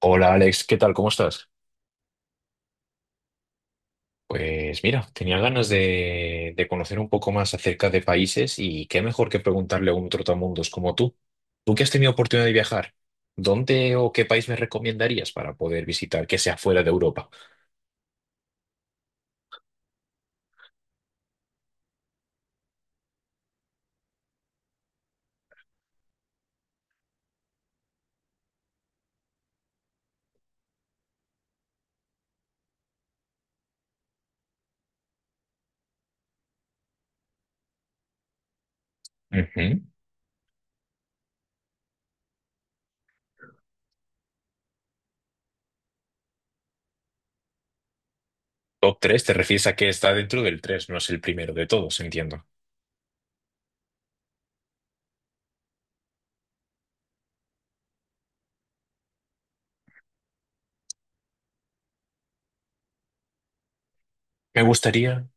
Hola Alex, ¿qué tal? ¿Cómo estás? Pues mira, tenía ganas de conocer un poco más acerca de países y qué mejor que preguntarle a un trotamundos como tú. Tú que has tenido oportunidad de viajar, ¿dónde o qué país me recomendarías para poder visitar que sea fuera de Europa? Ujú. Top tres. Te refieres a que está dentro del 3, no es el primero de todos, entiendo. Me gustaría.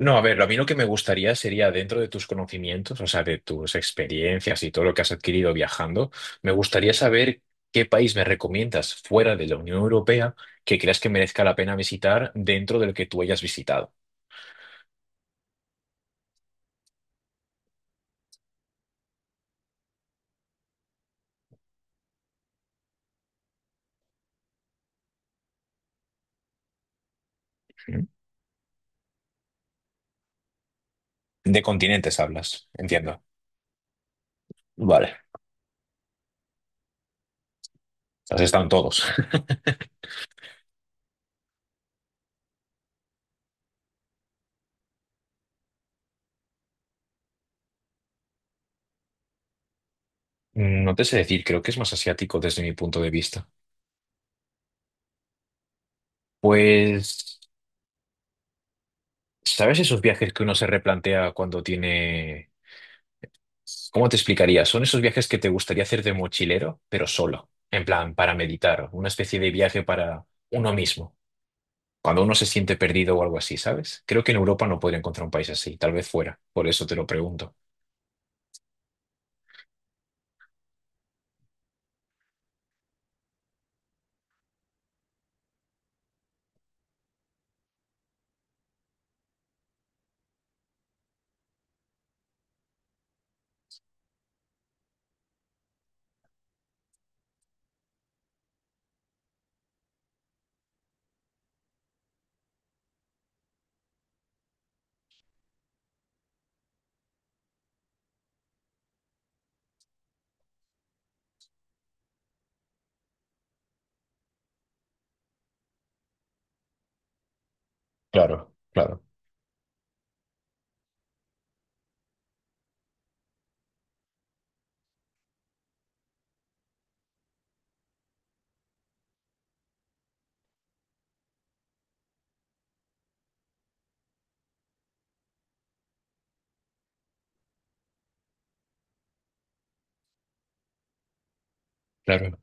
No, a ver, a mí lo que me gustaría sería dentro de tus conocimientos, o sea, de tus experiencias y todo lo que has adquirido viajando, me gustaría saber qué país me recomiendas fuera de la Unión Europea que creas que merezca la pena visitar dentro del que tú hayas visitado. ¿Mm? De continentes hablas, entiendo. Vale, has estado en todos. No te sé decir, creo que es más asiático desde mi punto de vista. Pues, ¿sabes esos viajes que uno se replantea cuando tiene? ¿Cómo te explicaría? Son esos viajes que te gustaría hacer de mochilero, pero solo, en plan, para meditar, una especie de viaje para uno mismo, cuando uno se siente perdido o algo así, ¿sabes? Creo que en Europa no podría encontrar un país así, tal vez fuera, por eso te lo pregunto. Claro, claro, claro.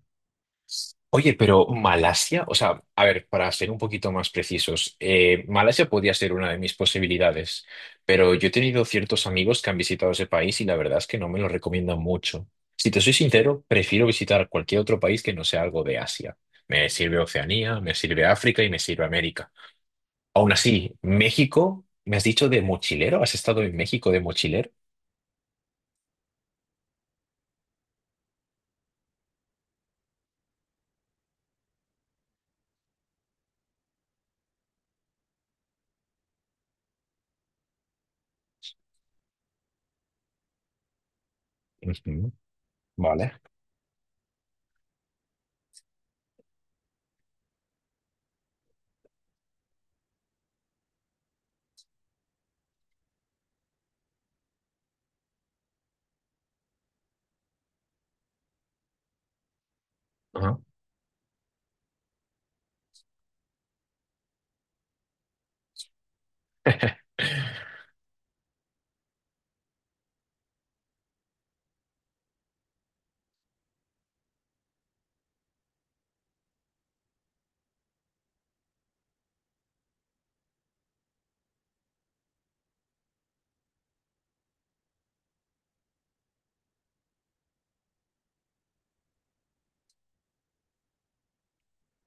Oye, pero Malasia, o sea, a ver, para ser un poquito más precisos, Malasia podría ser una de mis posibilidades, pero yo he tenido ciertos amigos que han visitado ese país y la verdad es que no me lo recomiendan mucho. Si te soy sincero, prefiero visitar cualquier otro país que no sea algo de Asia. Me sirve Oceanía, me sirve África y me sirve América. Aún así, México, ¿me has dicho de mochilero? ¿Has estado en México de mochilero? Ujú. Vale. Ajá.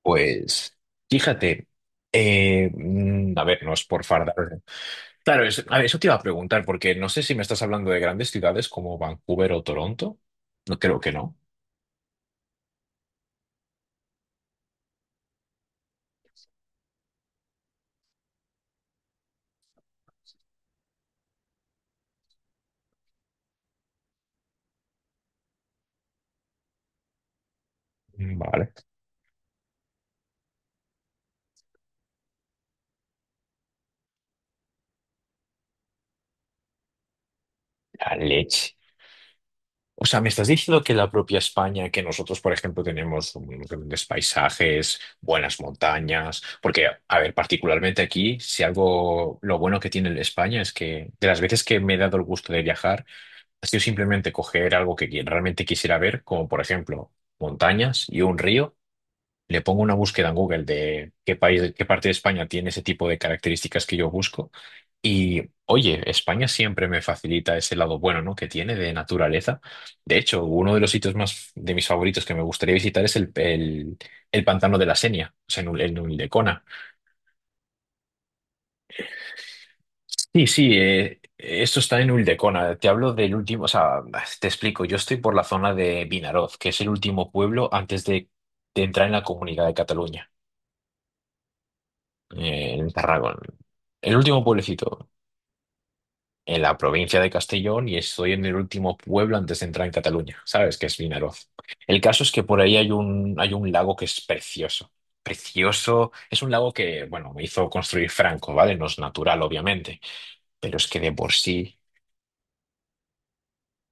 Pues fíjate, a ver, no es por fardar. Claro, es, a ver, eso te iba a preguntar, porque no sé si me estás hablando de grandes ciudades como Vancouver o Toronto. No creo que no. Mm. Vale. La leche. O sea, me estás diciendo que la propia España, que nosotros, por ejemplo, tenemos unos grandes paisajes, buenas montañas, porque, a ver, particularmente aquí, si algo, lo bueno que tiene España es que de las veces que me he dado el gusto de viajar, ha sido simplemente coger algo que realmente quisiera ver, como por ejemplo montañas y un río. Le pongo una búsqueda en Google de qué país, qué parte de España tiene ese tipo de características que yo busco. Y oye, España siempre me facilita ese lado bueno, ¿no? Que tiene de naturaleza. De hecho, uno de los sitios más de mis favoritos que me gustaría visitar es el pantano de la Senia, o sea, en, en Ulldecona. Sí, sí, esto está en Ulldecona. Te hablo del último, o sea, te explico. Yo estoy por la zona de Vinaroz, que es el último pueblo antes de entrar en la Comunidad de Cataluña, en Tarragona. El último pueblecito en la provincia de Castellón y estoy en el último pueblo antes de entrar en Cataluña, ¿sabes? Que es Vinaroz. El caso es que por ahí hay un lago que es precioso. Precioso. Es un lago que, bueno, me hizo construir Franco, ¿vale? No es natural, obviamente, pero es que de por sí.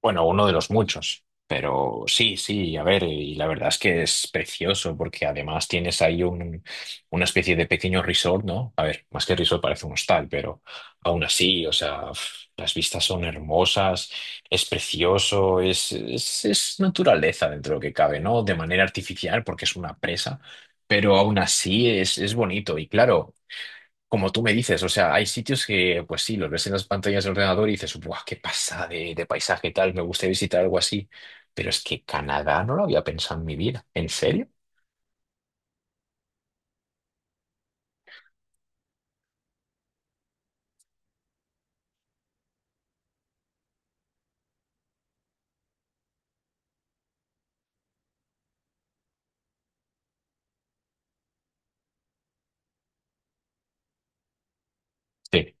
Bueno, uno de los muchos, pero sí, sí, a ver, y la verdad es que es precioso porque además una especie de pequeño resort, ¿no? A ver, más que resort parece un hostal, pero aún así, o sea, pf, las vistas son hermosas, es precioso, es naturaleza dentro de lo que cabe, ¿no? De manera artificial porque es una presa, pero aún así es bonito y claro. Como tú me dices, o sea, hay sitios que, pues sí, los ves en las pantallas del ordenador y dices, ¡buah, qué pasada de paisaje tal! Me gusta visitar algo así. Pero es que Canadá no lo había pensado en mi vida. ¿En serio? Sí,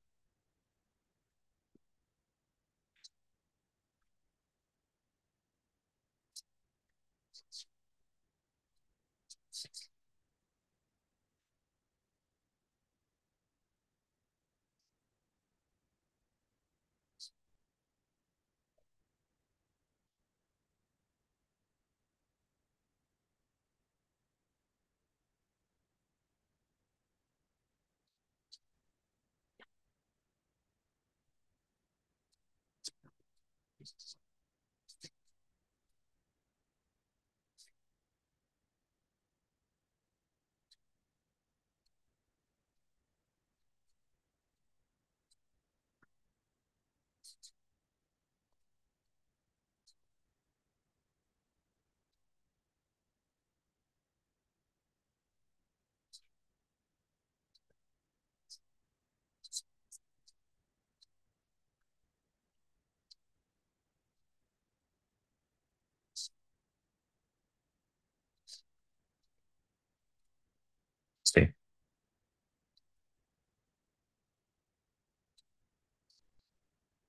sí.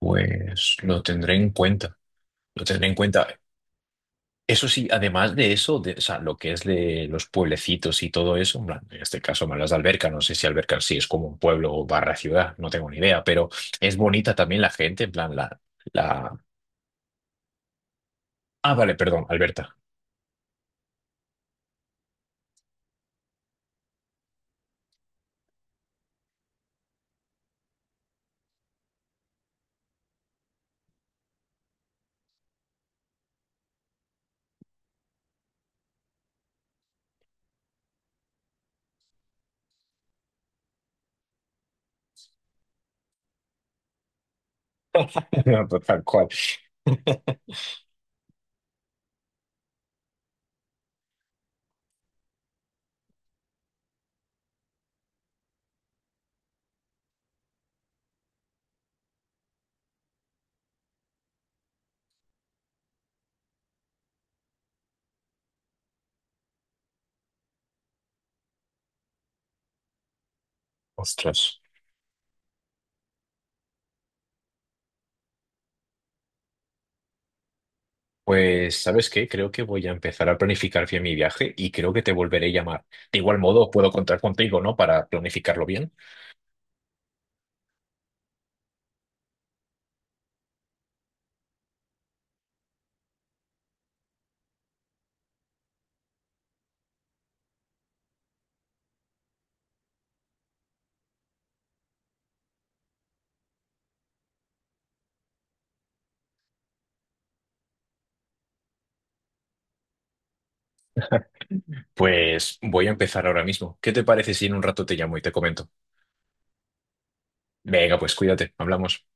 Pues lo tendré en cuenta, lo tendré en cuenta. Eso sí, además de eso, de, o sea, lo que es de los pueblecitos y todo eso, en plan, en este caso me hablas de Alberca, no sé si Alberca sí es como un pueblo barra ciudad, no tengo ni idea, pero es bonita también la gente, en plan, la, la... Ah, vale, perdón, Alberta. Tal cual. Ostras. Pues, ¿sabes qué? Creo que voy a empezar a planificar bien mi viaje y creo que te volveré a llamar. De igual modo, puedo contar contigo, ¿no? Para planificarlo bien. Pues voy a empezar ahora mismo. ¿Qué te parece si en un rato te llamo y te comento? Venga, pues cuídate, hablamos.